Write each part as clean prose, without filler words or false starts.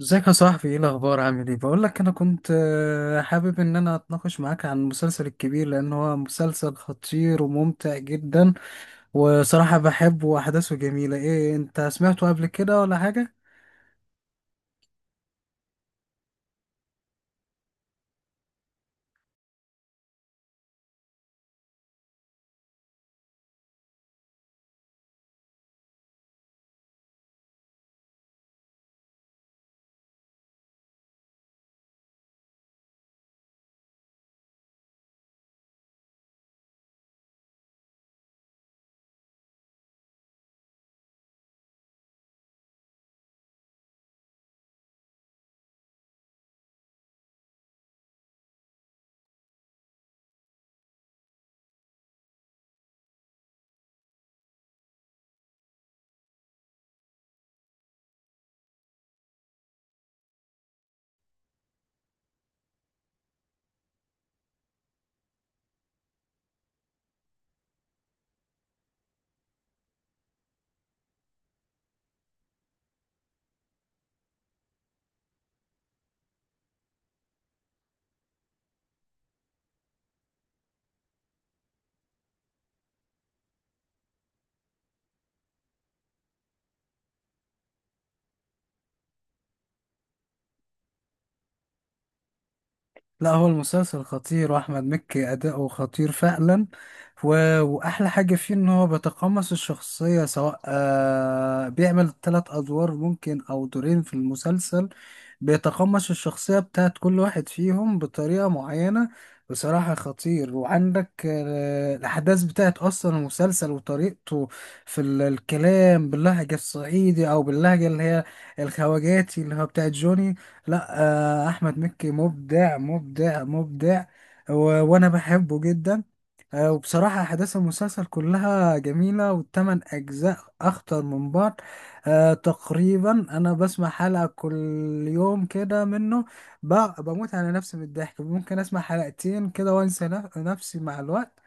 ازيك يا صاحبي؟ ايه الاخبار؟ عامل ايه؟ بقول لك انا كنت حابب ان انا اتناقش معاك عن المسلسل الكبير، لان هو مسلسل خطير وممتع جدا. وصراحة بحبه واحداثه جميلة. ايه انت سمعته قبل كده ولا حاجة؟ لا، هو المسلسل خطير واحمد مكي اداؤه خطير فعلا. واحلى حاجه فيه ان هو بيتقمص الشخصيه، سواء بيعمل 3 ادوار ممكن او دورين في المسلسل. بيتقمص الشخصيه بتاعت كل واحد فيهم بطريقه معينه. بصراحه خطير. وعندك الاحداث بتاعت اصلا المسلسل وطريقته في الكلام باللهجه الصعيدي او باللهجه اللي هي الخواجاتي اللي هو بتاعت جوني. لا. احمد مكي مبدع مبدع مبدع. و... وانا بحبه جدا. وبصراحة أحداث المسلسل كلها جميلة والتمن أجزاء أخطر من بعض. أه، تقريبا. أنا بسمع حلقة كل يوم كده منه. بموت على نفسي من الضحك. ممكن أسمع حلقتين كده وأنسى نفسي مع الوقت.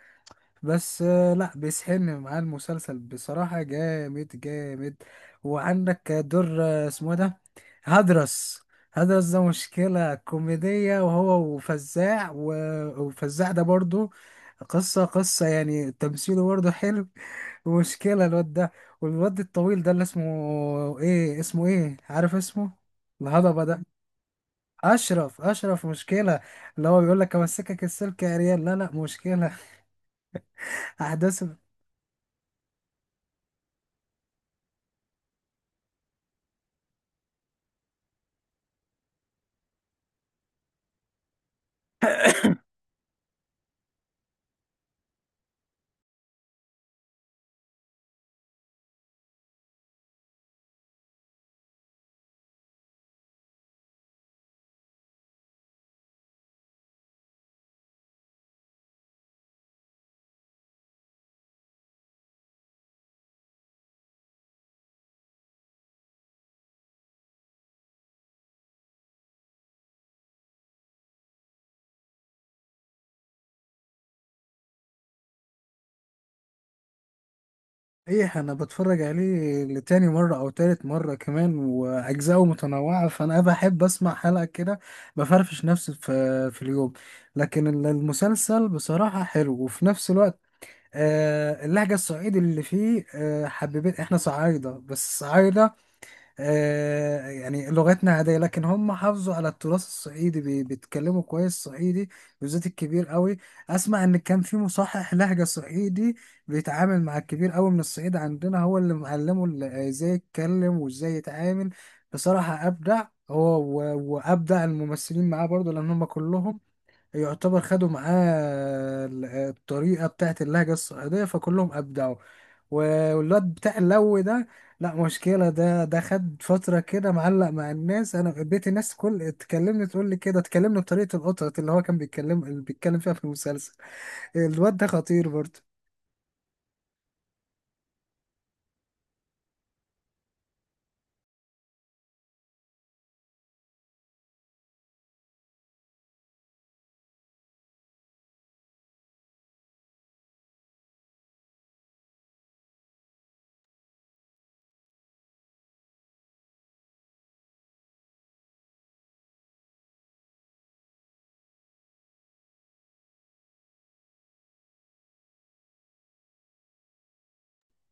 بس لا، بيسحلني معاه المسلسل بصراحة جامد جامد. وعندك دور اسمه ده هدرس. هدرس ده مشكلة كوميدية، وهو وفزاع وفزاع ده برضو قصة قصة يعني، تمثيله برضو حلو. ومشكلة الواد ده. والواد الطويل ده اللي اسمه ايه، اسمه ايه، عارف اسمه؟ الهضبة ده. أشرف، أشرف مشكلة. اللي هو بيقول لك: أمسكك السلك يا ريال، لا لا، مشكلة. أحداث. ايه، انا بتفرج عليه لتاني مرة او تالت مرة كمان، واجزاءه متنوعة، فانا بحب اسمع حلقة كده، بفرفش نفسي في اليوم. لكن المسلسل بصراحة حلو، وفي نفس الوقت اللهجة الصعيدي اللي فيه، حبيبين، احنا صعايدة بس صعايدة. يعني لغتنا عادية، لكن هم حافظوا على التراث الصعيدي، بيتكلموا كويس صعيدي، بالذات الكبير قوي. اسمع، ان كان في مصحح لهجة صعيدي بيتعامل مع الكبير قوي من الصعيد عندنا، هو اللي معلمه ازاي يتكلم وازاي يتعامل. بصراحة ابدع هو وابدع الممثلين معاه برضه، لان هم كلهم يعتبر خدوا معاه الطريقة بتاعت اللهجة الصعيدية، فكلهم أبدعوا. والواد بتاع اللو ده، لا مشكلة. ده خد فترة كده معلق مع الناس، أنا بقيت الناس كل تكلمني تقول لي كده، تكلمني بطريقة القطط اللي هو كان بيتكلم اللي بيتكلم فيها في المسلسل. الواد ده خطير برضه.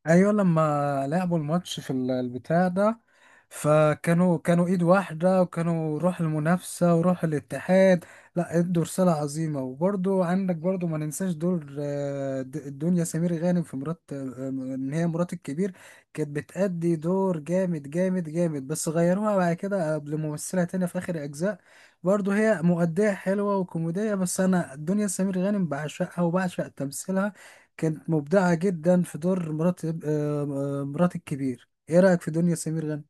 ايوه، لما لعبوا الماتش في البتاع ده، فكانوا ايد واحده، وكانوا روح المنافسه وروح الاتحاد. لا، ادوا رساله عظيمه. وبرضو عندك، برضو ما ننساش دور الدنيا سمير غانم في مرات ان هي مرات الكبير. كانت بتأدي دور جامد جامد جامد، بس غيروها بعد كده لممثله تانية في اخر اجزاء. برضو هي مؤديه حلوه وكوميديه، بس انا الدنيا سمير غانم بعشقها وبعشق تمثيلها. كانت مبدعة جدا في دور مرات مرات الكبير. ايه رأيك في دنيا سمير غانم؟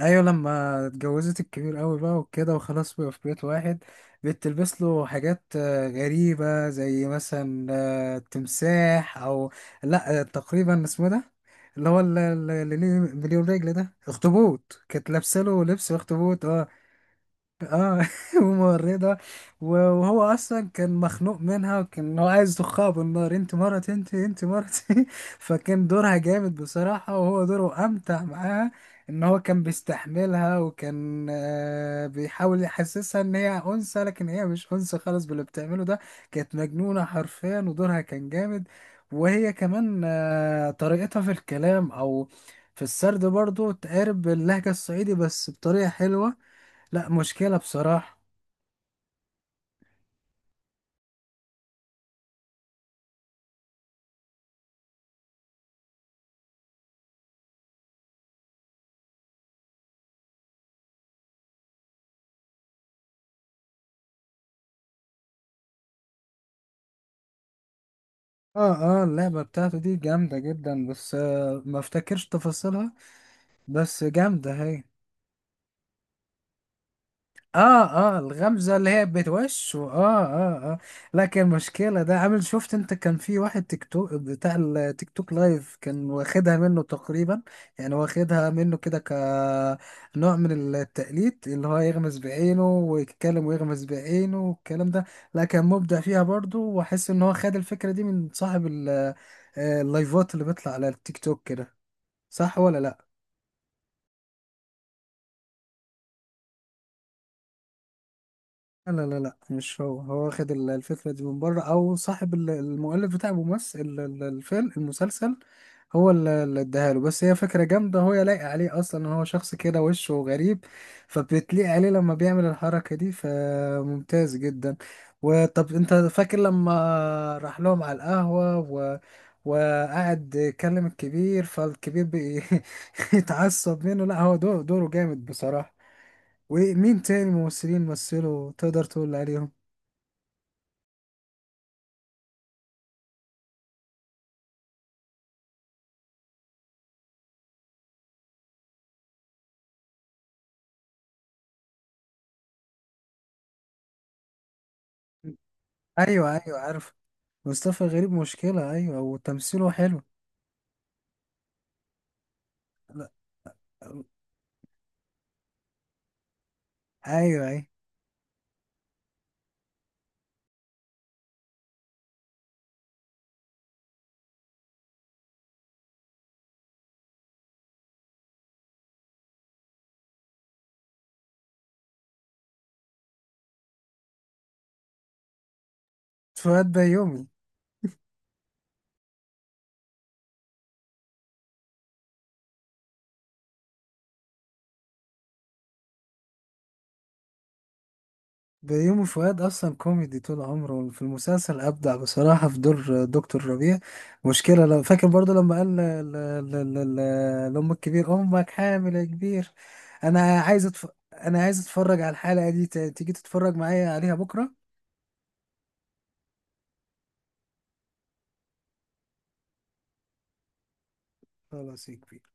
ايوه، لما اتجوزت الكبير قوي بقى وكده، وخلاص بقى في بيت واحد، بتلبس له حاجات غريبة، زي مثلا تمساح، او لا، تقريبا اسمه ده اللي هو اللي ليه مليون رجل، ده اخطبوط، كانت لابسه له لبس اخطبوط. اه. اه. ومورده. وهو اصلا كان مخنوق منها، وكان هو عايز يخها بالنار: انت مرتي، انت مرتي! فكان دورها جامد بصراحه، وهو دوره امتع معاها، ان هو كان بيستحملها، وكان بيحاول يحسسها ان هي انثى، لكن هي مش انثى خالص باللي بتعمله ده. كانت مجنونه حرفيا، ودورها كان جامد. وهي كمان طريقتها في الكلام، او في السرد، برضو تقارب اللهجه الصعيدي بس بطريقه حلوه. لا مشكلة بصراحة. اه، اه، اللعبة بتاعته دي جامدة جدا، بس ما افتكرش تفاصيلها، بس جامدة هي. اه، اه، الغمزة اللي هي بتوش، واه اه اه اه. لكن المشكلة ده عامل، شفت انت كان في واحد تيك توك بتاع التيك توك لايف كان واخدها منه تقريبا، يعني واخدها منه كده كنوع من التقليد اللي هو يغمز بعينه ويتكلم ويغمز بعينه والكلام ده. لا، كان مبدع فيها برضو، واحس ان هو خد الفكرة دي من صاحب اللايفات اللي بيطلع على التيك توك كده. صح ولا لا؟ لا، لا، لا، مش هو واخد الفكرة دي من بره، أو صاحب المؤلف بتاع الممثل الفيلم المسلسل. هو اللي اداها له، بس هي فكرة جامدة، هو لايق عليه أصلا إن هو شخص كده وشه غريب، فبتليق عليه لما بيعمل الحركة دي، فممتاز جدا. وطب أنت فاكر لما راح لهم على القهوة وقعد يكلم الكبير، فالكبير بيتعصب منه؟ لا هو دوره جامد بصراحة. ومين تاني ممثلين مثلوا تقدر تقول عليهم؟ ايوه، ايوه، عارف. مصطفى غريب مشكلة، ايوه، وتمثيله حلو. لا. ايوه، ايوه. فؤاد بيومي. بيومي فؤاد اصلا كوميدي طول عمره. في المسلسل ابدع بصراحة في دور دكتور ربيع. مشكلة. لو فاكر برضو لما قال لام الكبير: امك حامل يا كبير. انا عايز أتف... انا عايز اتفرج على الحلقة دي تاني. تيجي تتفرج معايا عليها بكرة؟ خلاص يا كبير.